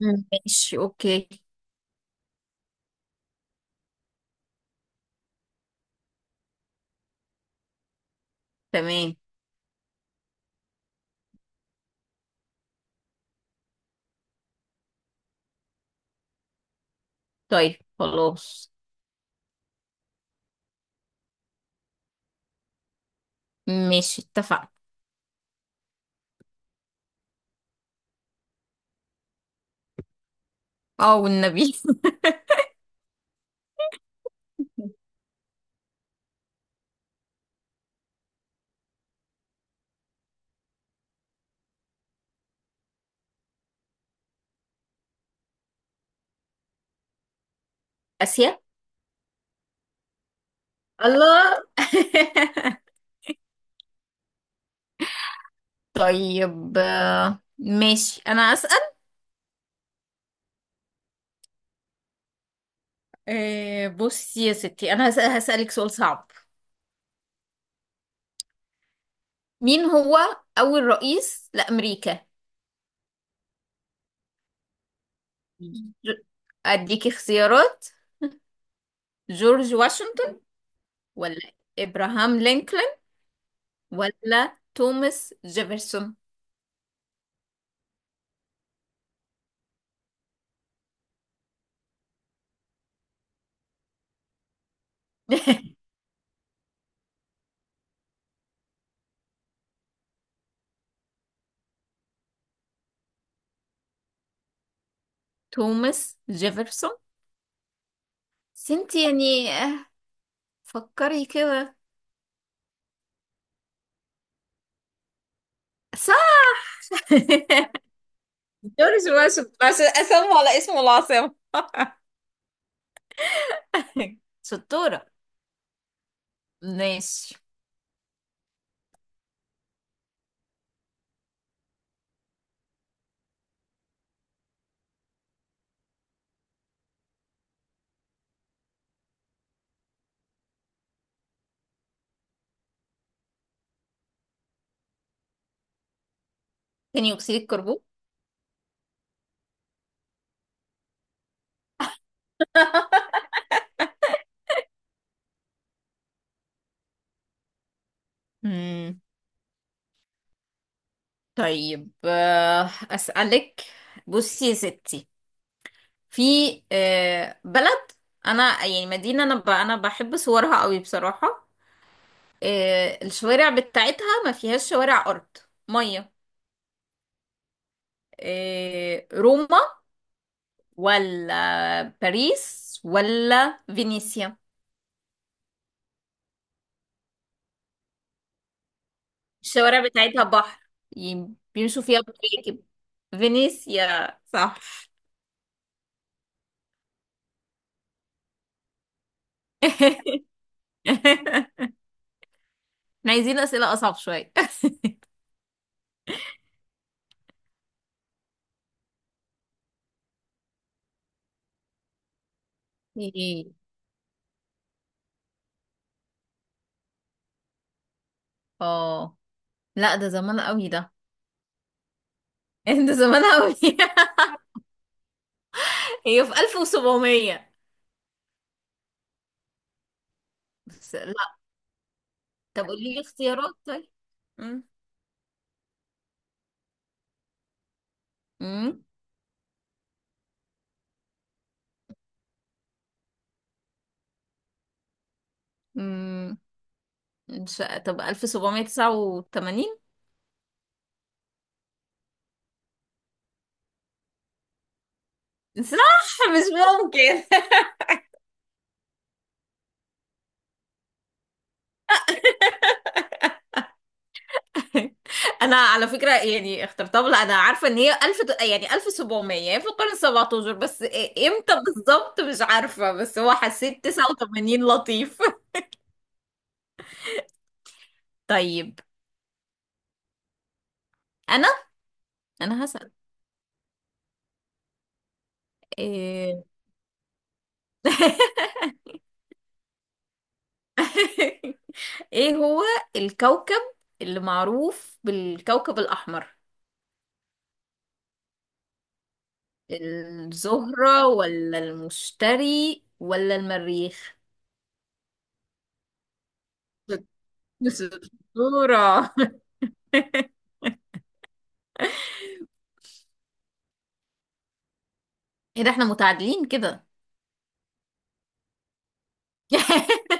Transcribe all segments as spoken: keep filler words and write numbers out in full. مم. ماشي، اوكي. تمام. طيب خلاص. ماشي، اتفقنا. اه، والنبي. اسيا. الله. طيب، آه، ماشي، انا اسال. آه، بصي يا ستي، انا هس- هسالك سؤال صعب. مين هو اول رئيس لامريكا؟ ج- اديكي اختيارات. جورج واشنطن، ولا ابراهام لينكولن، ولا توماس جيفرسون؟ توماس جيفرسون، بس انت يعني، آه، فكري كده. صح. جورج واشنطن، عشان اسمه على اسم العاصمة. شطورة. ماشي. ثاني أكسيد الكربون. مم. طيب، آه، أسألك. بصي يا ستي، في آه، بلد، أنا يعني مدينة، أنا ب- أنا بحب صورها قوي بصراحة. آه، الشوارع بتاعتها ما فيهاش شوارع أرض، مية. آه، روما، ولا باريس، ولا فينيسيا؟ الشوارع بتاعتها بحر، ي- بيمشوا فيها بمراكب. فينيسيا، صح. احنا عايزين أسئلة أصعب شوية. ايه، اه، لا، ده زمان قوي ده. ده زمان قوي. هي في ألف وسبعمية، بس لا. طب قولي لي اختيارات، طيب. امم امم أمم. مش، طب ألف وسبعمية تسعة وتمانين؟ صح، مش ممكن. انا على فكره يعني اخترتها، لا، انا عارفه ان هي ألف، د- يعني ألف وسبعمية، يعني في القرن سبعة عشر، بس إيه- امتى بالظبط مش عارفه، بس هو حسيت تسعة وتمانين لطيف. طيب، انا انا هسأل. ايه. ايه هو الكوكب اللي معروف بالكوكب الاحمر؟ الزهره، ولا المشتري، ولا المريخ؟ بس الزهره، ايه ده، احنا متعادلين كده.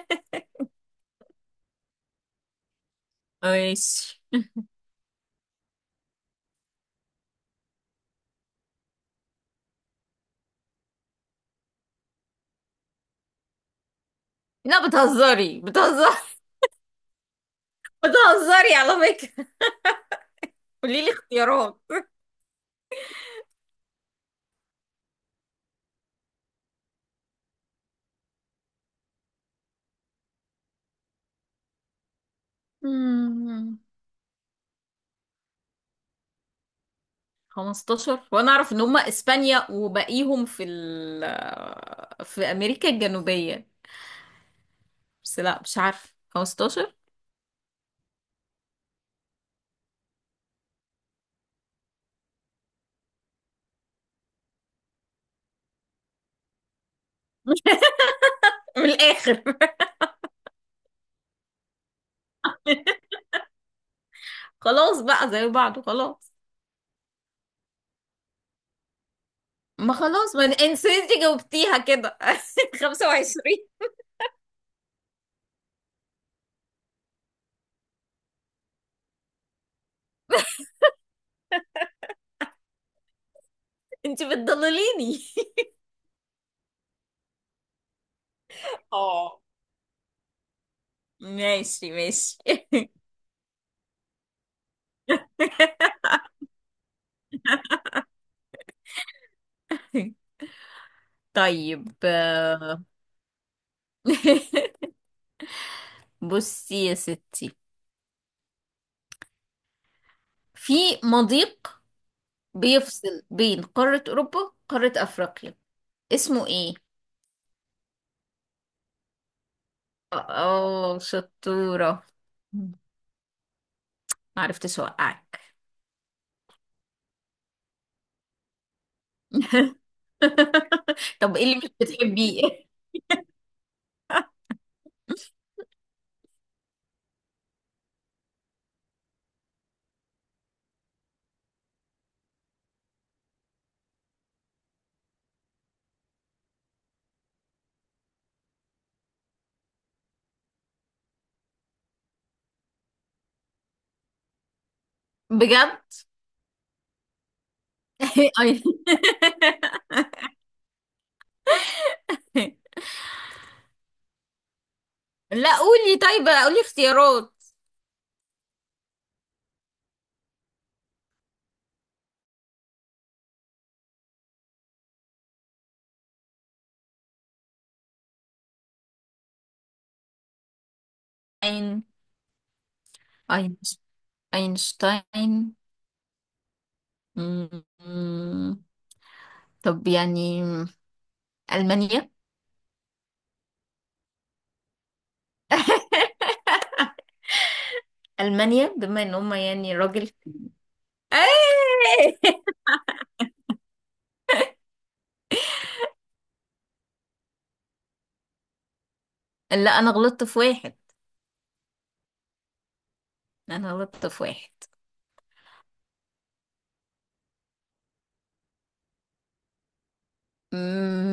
ماشي. لا، بتهزري بتهزري. بتهزري على فكرة. قولي لي اختيارات. مم. خمستاشر، وانا اعرف ان هم اسبانيا وباقيهم في ال... في امريكا الجنوبية. بس لا، مش عارف خمستاشر. من الاخر. خلاص بقى زي بعض وخلاص. ما خلاص، ما انت انت جاوبتيها كده. خمسة وعشرين. انت بتضلليني. اه، ماشي ماشي. طيب، آه، بصي يا ستي، في مضيق بيفصل بين قارة أوروبا وقارة أفريقيا، اسمه إيه؟ اه، شطورة. معرفتش أوقعك. طب إيه اللي مش بتحبيه؟ بجد؟ أي- لا، قولي، طيب قولي اختيارات. أين أينش- أينشتاين. مم. مم. طب يعني ألمانيا. ألمانيا، بما إن هما يعني راجل. أي! لا، انا غلطت في واحد. انا غلطت في واحد.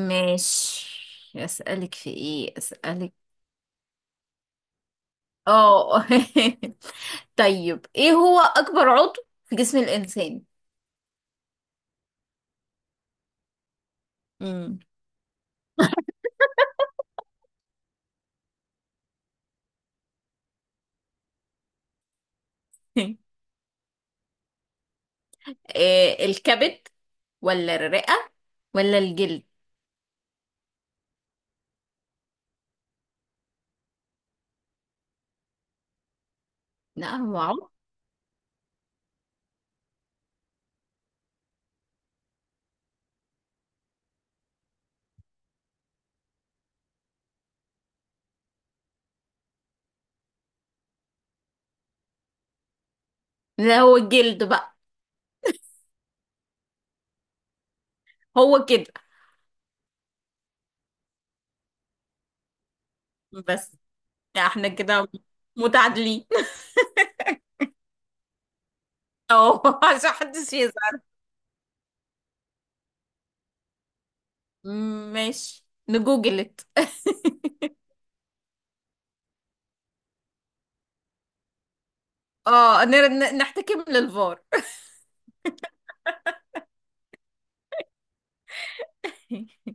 ماشي. اسالك في ايه، اسالك، اه. طيب، ايه هو اكبر عضو في جسم الانسان؟ امم إيه، الكبد، ولا الرئة، ولا الجلد؟ لا، هو عضو. لا، هو الجلد بقى. هو كده. بس احنا كده متعادلين. اه، عشان محدش يزعل. ماشي، نجوجلت. اه، نر- نحتكم للفار.